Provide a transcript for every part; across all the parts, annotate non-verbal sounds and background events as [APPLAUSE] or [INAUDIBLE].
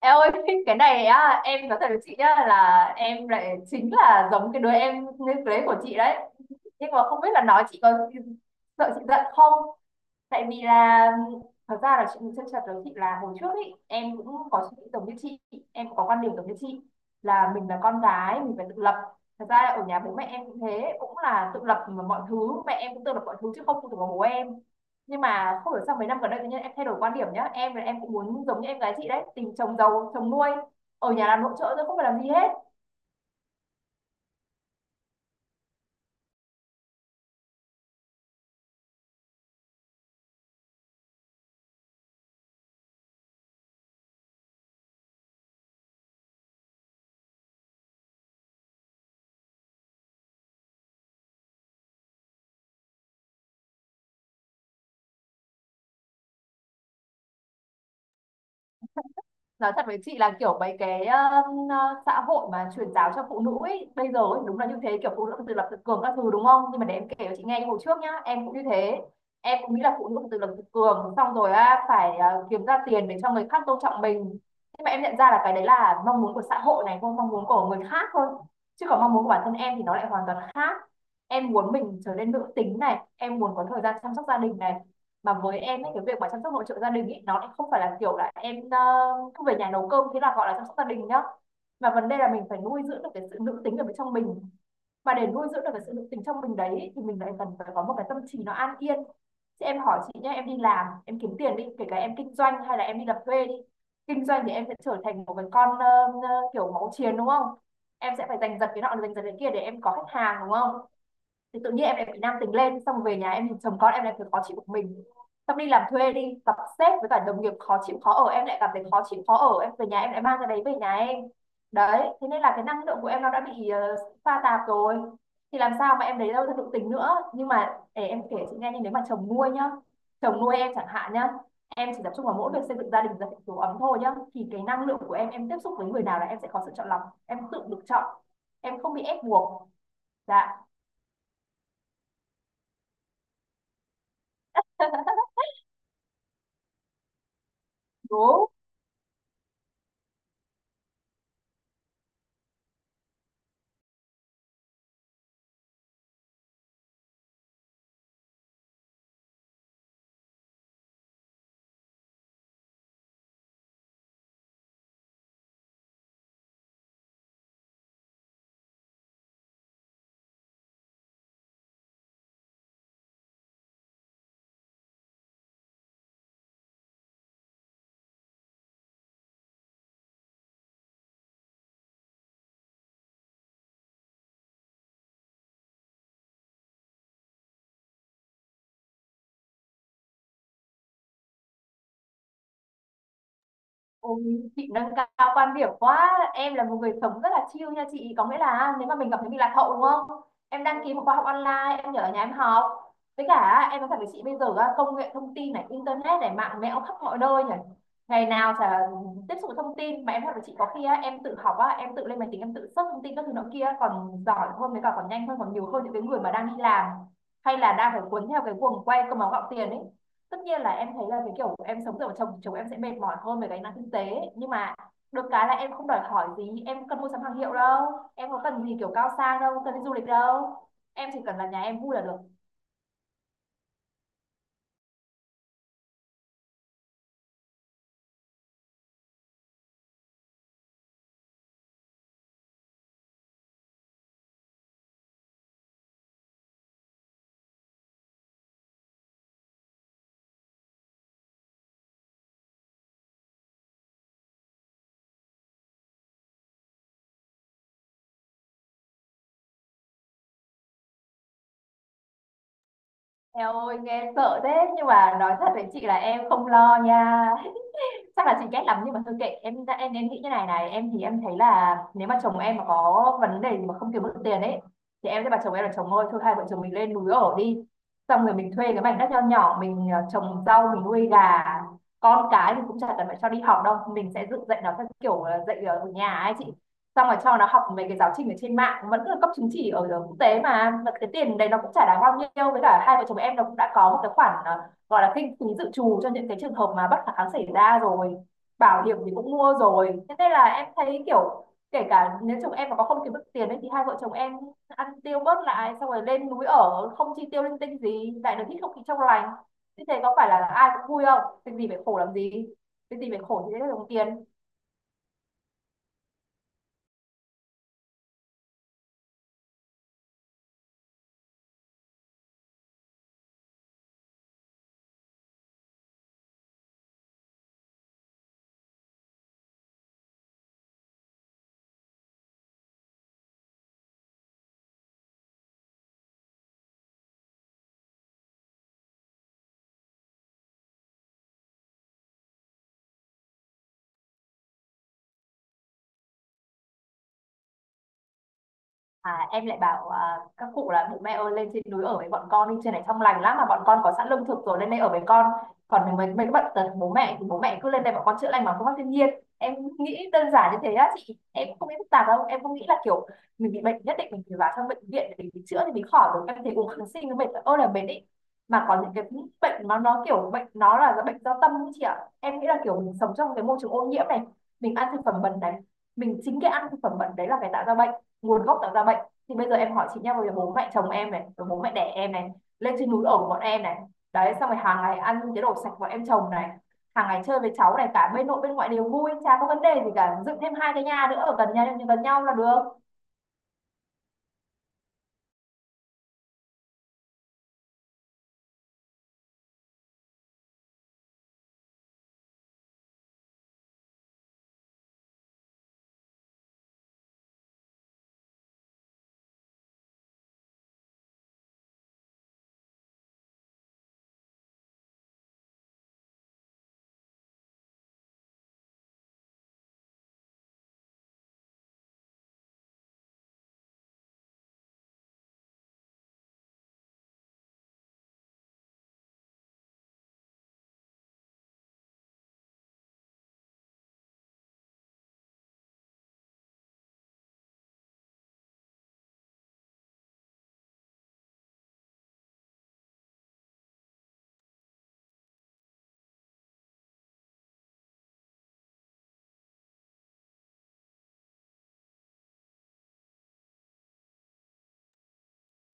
Em ơi, cái này á, em nói thật với chị nhá là em lại chính là giống cái đứa em nên play của chị đấy. Nhưng mà không biết là nói chị có sợ chị giận không? Tại vì là thật ra là chuyện chân thật đấy chị, là hồi trước ý, em cũng có suy nghĩ giống như chị, em cũng có quan điểm giống như chị, là mình là con gái mình phải tự lập. Thật ra ở nhà bố mẹ em cũng thế, cũng là tự lập, mà mọi thứ mẹ em cũng tự lập mọi thứ chứ không phụ thuộc vào bố em. Nhưng mà không hiểu sao mấy năm gần đây tự nhiên em thay đổi quan điểm nhá, em là em cũng muốn giống như em gái chị đấy, tìm chồng giàu chồng nuôi, ở nhà làm nội trợ thôi không phải làm gì hết. Nói thật với chị là kiểu mấy cái xã hội mà truyền giáo cho phụ nữ ấy, bây giờ ấy, đúng là như thế, kiểu phụ nữ tự lập tự cường các thứ đúng không, nhưng mà để em kể cho chị nghe cái hồi trước nhá, em cũng như thế, em cũng nghĩ là phụ nữ tự lập tự cường xong rồi á, phải kiếm ra tiền để cho người khác tôn trọng mình. Nhưng mà em nhận ra là cái đấy là mong muốn của xã hội này, không mong muốn của người khác thôi, chứ còn mong muốn của bản thân em thì nó lại hoàn toàn khác. Em muốn mình trở nên nữ tính này, em muốn có thời gian chăm sóc gia đình này, mà với em ấy cái việc mà chăm sóc hỗ trợ gia đình ấy, nó lại không phải là kiểu là em cứ về nhà nấu cơm thế là gọi là chăm sóc gia đình nhá, mà vấn đề là mình phải nuôi dưỡng được cái sự nữ tính ở bên trong mình. Mà để nuôi dưỡng được cái sự nữ tính trong mình đấy thì mình lại cần phải có một cái tâm trí nó an yên. Chứ em hỏi chị nhé, em đi làm em kiếm tiền đi, kể cả em kinh doanh hay là em đi làm thuê đi, kinh doanh thì em sẽ trở thành một cái con kiểu máu chiến đúng không, em sẽ phải giành giật cái nọ giành giật cái kia để em có khách hàng đúng không, thì tự nhiên em lại bị nam tính lên, xong về nhà em nhìn chồng con em lại thấy khó chịu của mình. Xong đi làm thuê đi, gặp sếp với cả đồng nghiệp khó chịu khó ở, em lại cảm thấy khó chịu khó ở, em về nhà em lại mang cái đấy về nhà em. Đấy thế nên là cái năng lượng của em nó đã bị pha tạp rồi, thì làm sao mà em lấy đâu ra nội tình nữa. Nhưng mà để em kể chị nghe, nhưng nếu mà chồng nuôi nhá, chồng nuôi em chẳng hạn nhá, em chỉ tập trung vào mỗi việc xây dựng gia đình và hạnh phúc ấm thôi nhá, thì cái năng lượng của em tiếp xúc với người nào là em sẽ có sự chọn lọc, em tự được chọn, em không bị ép buộc. Dạ, đúng. Ôi, chị nâng cao quan điểm quá, em là một người sống rất là chill nha chị, có nghĩa là nếu mà mình cảm thấy mình lạc hậu đúng không, em đăng ký một khóa học online, em nhờ ở nhà em học. Với cả em nói thật với chị bây giờ á, công nghệ thông tin này, internet này, mạng mẽo khắp mọi nơi nhỉ, ngày nào chả tiếp xúc với thông tin, mà em nói thật với chị có khi á, em tự học á, em tự lên máy tính em tự search thông tin các thứ nọ kia còn giỏi hơn, với cả còn nhanh hơn, còn nhiều hơn những cái người mà đang đi làm hay là đang phải cuốn theo cái guồng quay cơm áo gạo tiền ấy. Tất nhiên là em thấy là cái kiểu em sống dựa vào chồng thì chồng em sẽ mệt mỏi hơn về cái năng kinh tế, nhưng mà được cái là em không đòi hỏi gì, em cần mua sắm hàng hiệu đâu, em có cần gì kiểu cao sang đâu, cần đi du lịch đâu, em chỉ cần là nhà em vui là được. Eo ơi nghe sợ thế, nhưng mà nói thật với chị là em không lo nha, chắc là chị ghét lắm nhưng mà thôi kệ em, em nghĩ như này này, em thì em thấy là nếu mà chồng em mà có vấn đề gì mà không kiếm được tiền ấy, thì em sẽ bảo chồng em là chồng ơi thôi hai vợ chồng mình lên núi ở đi, xong rồi mình thuê cái mảnh đất nho nhỏ mình trồng rau mình nuôi gà, con cái thì cũng chả cần phải cho đi học đâu, mình sẽ dựng dạy nó theo kiểu dạy ở nhà ấy chị, xong rồi cho nó học mấy cái giáo trình ở trên mạng vẫn là cấp chứng chỉ ở quốc tế mà. Mà cái tiền đấy nó cũng chả đáng bao nhiêu, với cả hai vợ chồng em nó cũng đã có một cái khoản gọi là kinh phí dự trù cho những cái trường hợp mà bất khả kháng xảy ra rồi, bảo hiểm thì cũng mua rồi, thế nên là em thấy kiểu kể cả nếu chồng em mà có không kiếm được tiền ấy thì hai vợ chồng em ăn tiêu bớt lại, xong rồi lên núi ở không chi tiêu linh tinh gì, lại được hít không khí trong lành, như thế có phải là ai cũng vui không, việc gì phải khổ làm gì, việc gì phải khổ thì sẽ được đồng tiền. À, em lại bảo à, các cụ là bố mẹ ơi lên trên núi ở với bọn con đi, trên này trong lành lắm mà, bọn con có sẵn lương thực rồi, lên đây ở với con, còn mấy mấy cái bệnh tật bố mẹ thì bố mẹ cứ lên đây bọn con chữa lành bằng phương pháp thiên nhiên. Em nghĩ đơn giản như thế á chị, em cũng không nghĩ phức tạp đâu, em không nghĩ là kiểu mình bị bệnh nhất định mình phải vào trong bệnh viện để mình chữa thì mình khỏi được, em thấy uống kháng sinh nó mệt ơi là mệt ý. Mà có những cái bệnh nó kiểu bệnh nó là bệnh do tâm ý chị ạ, em nghĩ là kiểu mình sống trong cái môi trường ô nhiễm này, mình ăn thực phẩm bẩn này, mình chính cái ăn thực phẩm bẩn đấy là cái tạo ra bệnh, nguồn gốc tạo ra bệnh. Thì bây giờ em hỏi chị nhá, bây bố mẹ chồng em này, rồi bố mẹ đẻ em này, lên trên núi ở của bọn em này, đấy xong rồi hàng ngày ăn những cái đồ sạch bọn em chồng này, hàng ngày chơi với cháu này, cả bên nội bên ngoại đều vui chả có vấn đề gì cả, dựng thêm hai cái nhà nữa ở gần nhau là được.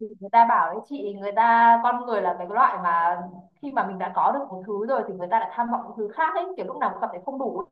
Thì người ta bảo đấy chị, người ta con người là cái loại mà khi mà mình đã có được một thứ rồi thì người ta lại tham vọng những thứ khác ấy, kiểu lúc nào cũng cảm thấy không đủ ấy.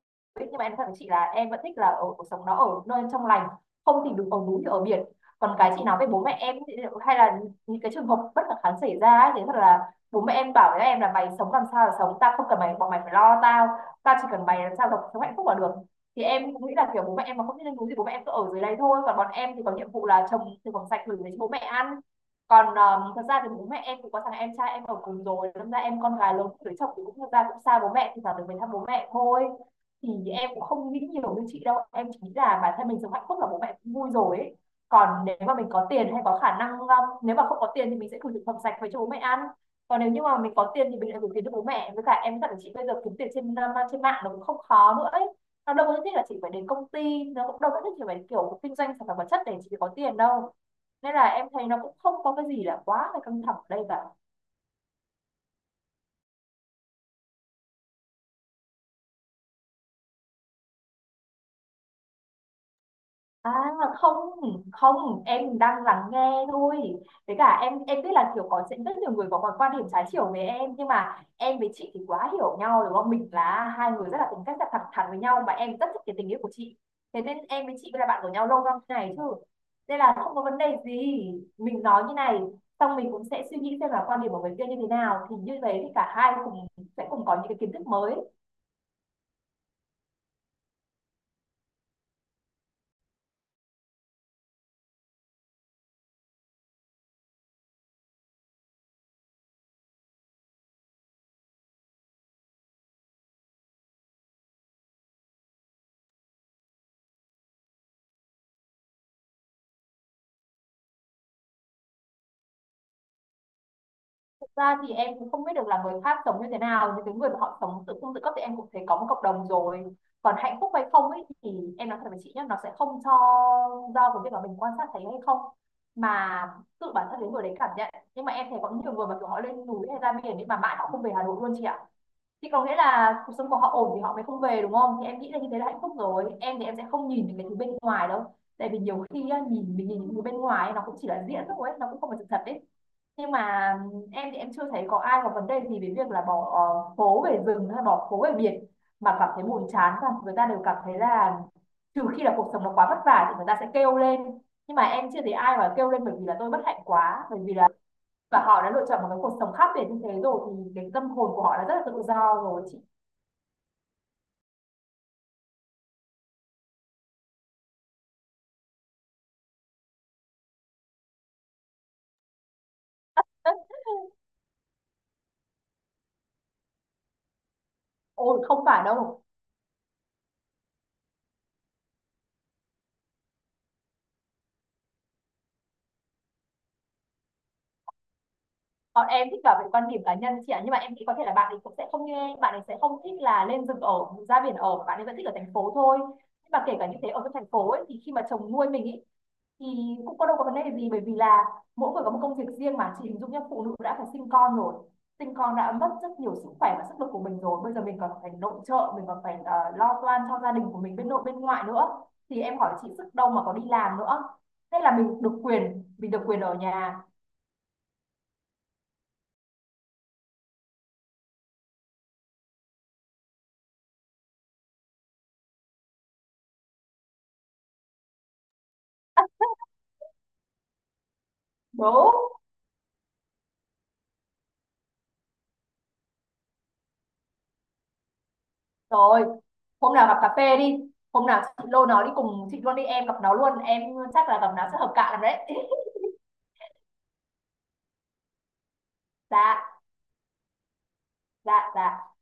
Nhưng mà em nói thật với chị là em vẫn thích là ở cuộc sống nó ở nơi trong lành, không thì đừng ở núi thì ở biển. Còn cái chị nói với bố mẹ em thì- hay là những cái trường hợp bất khả kháng xảy ra ấy, thì thật là bố mẹ em bảo với em là mày sống làm sao là sống, tao không cần mày bọn mày phải lo tao, tao chỉ cần mày làm sao được sống hạnh phúc là được. Thì em cũng nghĩ là kiểu bố mẹ em mà không biết lên núi thì bố mẹ em cứ ở dưới đây thôi, còn bọn em thì có nhiệm vụ là trồng thực phẩm sạch gửi về cho bố mẹ ăn. Còn thật ra thì bố mẹ em cũng có thằng em trai em ở cùng rồi, đâm ra em con gái lớn cưới chồng thì cũng thật ra cũng xa bố mẹ, thì vào được về thăm bố mẹ thôi. Thì em cũng không nghĩ nhiều như chị đâu, em chỉ nghĩ là bản thân mình sống hạnh phúc là bố mẹ cũng vui rồi ấy. Còn nếu mà mình có tiền hay có khả năng nếu mà không có tiền thì mình sẽ gửi thực phẩm sạch về cho bố mẹ ăn. Còn nếu như mà mình có tiền thì mình lại gửi tiền cho bố mẹ. Với cả em dặn chị, bây giờ kiếm tiền trên trên mạng nó cũng không khó nữa ấy. Nó đâu có nhất thiết là chị phải đến công ty, nó cũng đâu có nhất thiết phải kiểu kinh doanh sản phẩm vật chất để chị có tiền đâu. Nên là em thấy nó cũng không có cái gì là quá là căng thẳng ở đây cả. À, không, không, em đang lắng nghe thôi. Với cả em biết là kiểu có sẽ rất nhiều người có quan quan điểm trái chiều với em, nhưng mà em với chị thì quá hiểu nhau đúng không, mình là hai người rất là tính cách là thẳng thắn với nhau, và em rất thích cái tình yêu của chị. Thế nên em với chị mới là bạn của nhau lâu năm thế này chứ. Nên là không có vấn đề gì. Mình nói như này, xong mình cũng sẽ suy nghĩ xem là quan điểm của người kia như thế nào, thì như thế thì cả hai cùng sẽ cùng có những cái kiến thức mới. Thực ra thì em cũng không biết được là người khác sống như thế nào, nhưng cái người mà họ sống tự cung tự cấp thì em cũng thấy có một cộng đồng rồi. Còn hạnh phúc hay không ấy thì em nói thật với chị nhé, nó sẽ không cho do cái việc mà mình quan sát thấy hay không, mà tự bản thân cái người đấy cảm nhận. Nhưng mà em thấy có những người mà kiểu họ lên núi hay ra biển nhưng mà mãi họ không về Hà Nội luôn chị ạ. Thì có nghĩa là cuộc sống của họ ổn thì họ mới không về đúng không, thì em nghĩ là như thế là hạnh phúc rồi. Em thì em sẽ không nhìn những cái thứ bên ngoài đâu, tại vì nhiều khi á, nhìn mình nhìn những thứ bên ngoài ấy, nó cũng chỉ là diễn thôi ấy, nó cũng không phải sự thật đấy. Nhưng mà em thì em chưa thấy có ai có vấn đề gì về việc là bỏ phố về rừng hay bỏ phố về biển mà cảm thấy buồn chán cả, người ta đều cảm thấy là, trừ khi là cuộc sống nó quá vất vả thì người ta sẽ kêu lên. Nhưng mà em chưa thấy ai mà kêu lên bởi vì là tôi bất hạnh quá, bởi vì là và họ đã lựa chọn một cái cuộc sống khác biệt như thế rồi thì cái tâm hồn của họ đã rất là tự do rồi chị. Ôi không phải đâu, bọn em thích bảo vệ quan điểm cá nhân chị ạ, nhưng mà em nghĩ có thể là bạn ấy cũng sẽ không như em, bạn ấy sẽ không thích là lên rừng ở, ra biển ở, bạn ấy vẫn thích ở thành phố thôi. Nhưng mà kể cả như thế, ở trong thành phố ấy, thì khi mà chồng nuôi mình ấy thì cũng có đâu có vấn đề gì, bởi vì là mỗi người có một công việc riêng. Mà chị hình dung nhá, phụ nữ đã phải sinh con rồi, sinh con đã mất rất nhiều sức khỏe và sức lực của mình rồi, bây giờ mình còn phải nội trợ, mình còn phải lo toan cho gia đình của mình bên nội bên ngoại nữa, thì em hỏi chị sức đâu mà có đi làm nữa. Thế là mình được quyền, mình được quyền ở nhà. À, đúng rồi, hôm nào gặp cà phê đi, hôm nào chị lôi nó đi cùng chị luôn đi, em gặp nó luôn, em chắc là gặp nó sẽ hợp cạ lắm đấy. [LAUGHS] Dạ, dạ, dạ.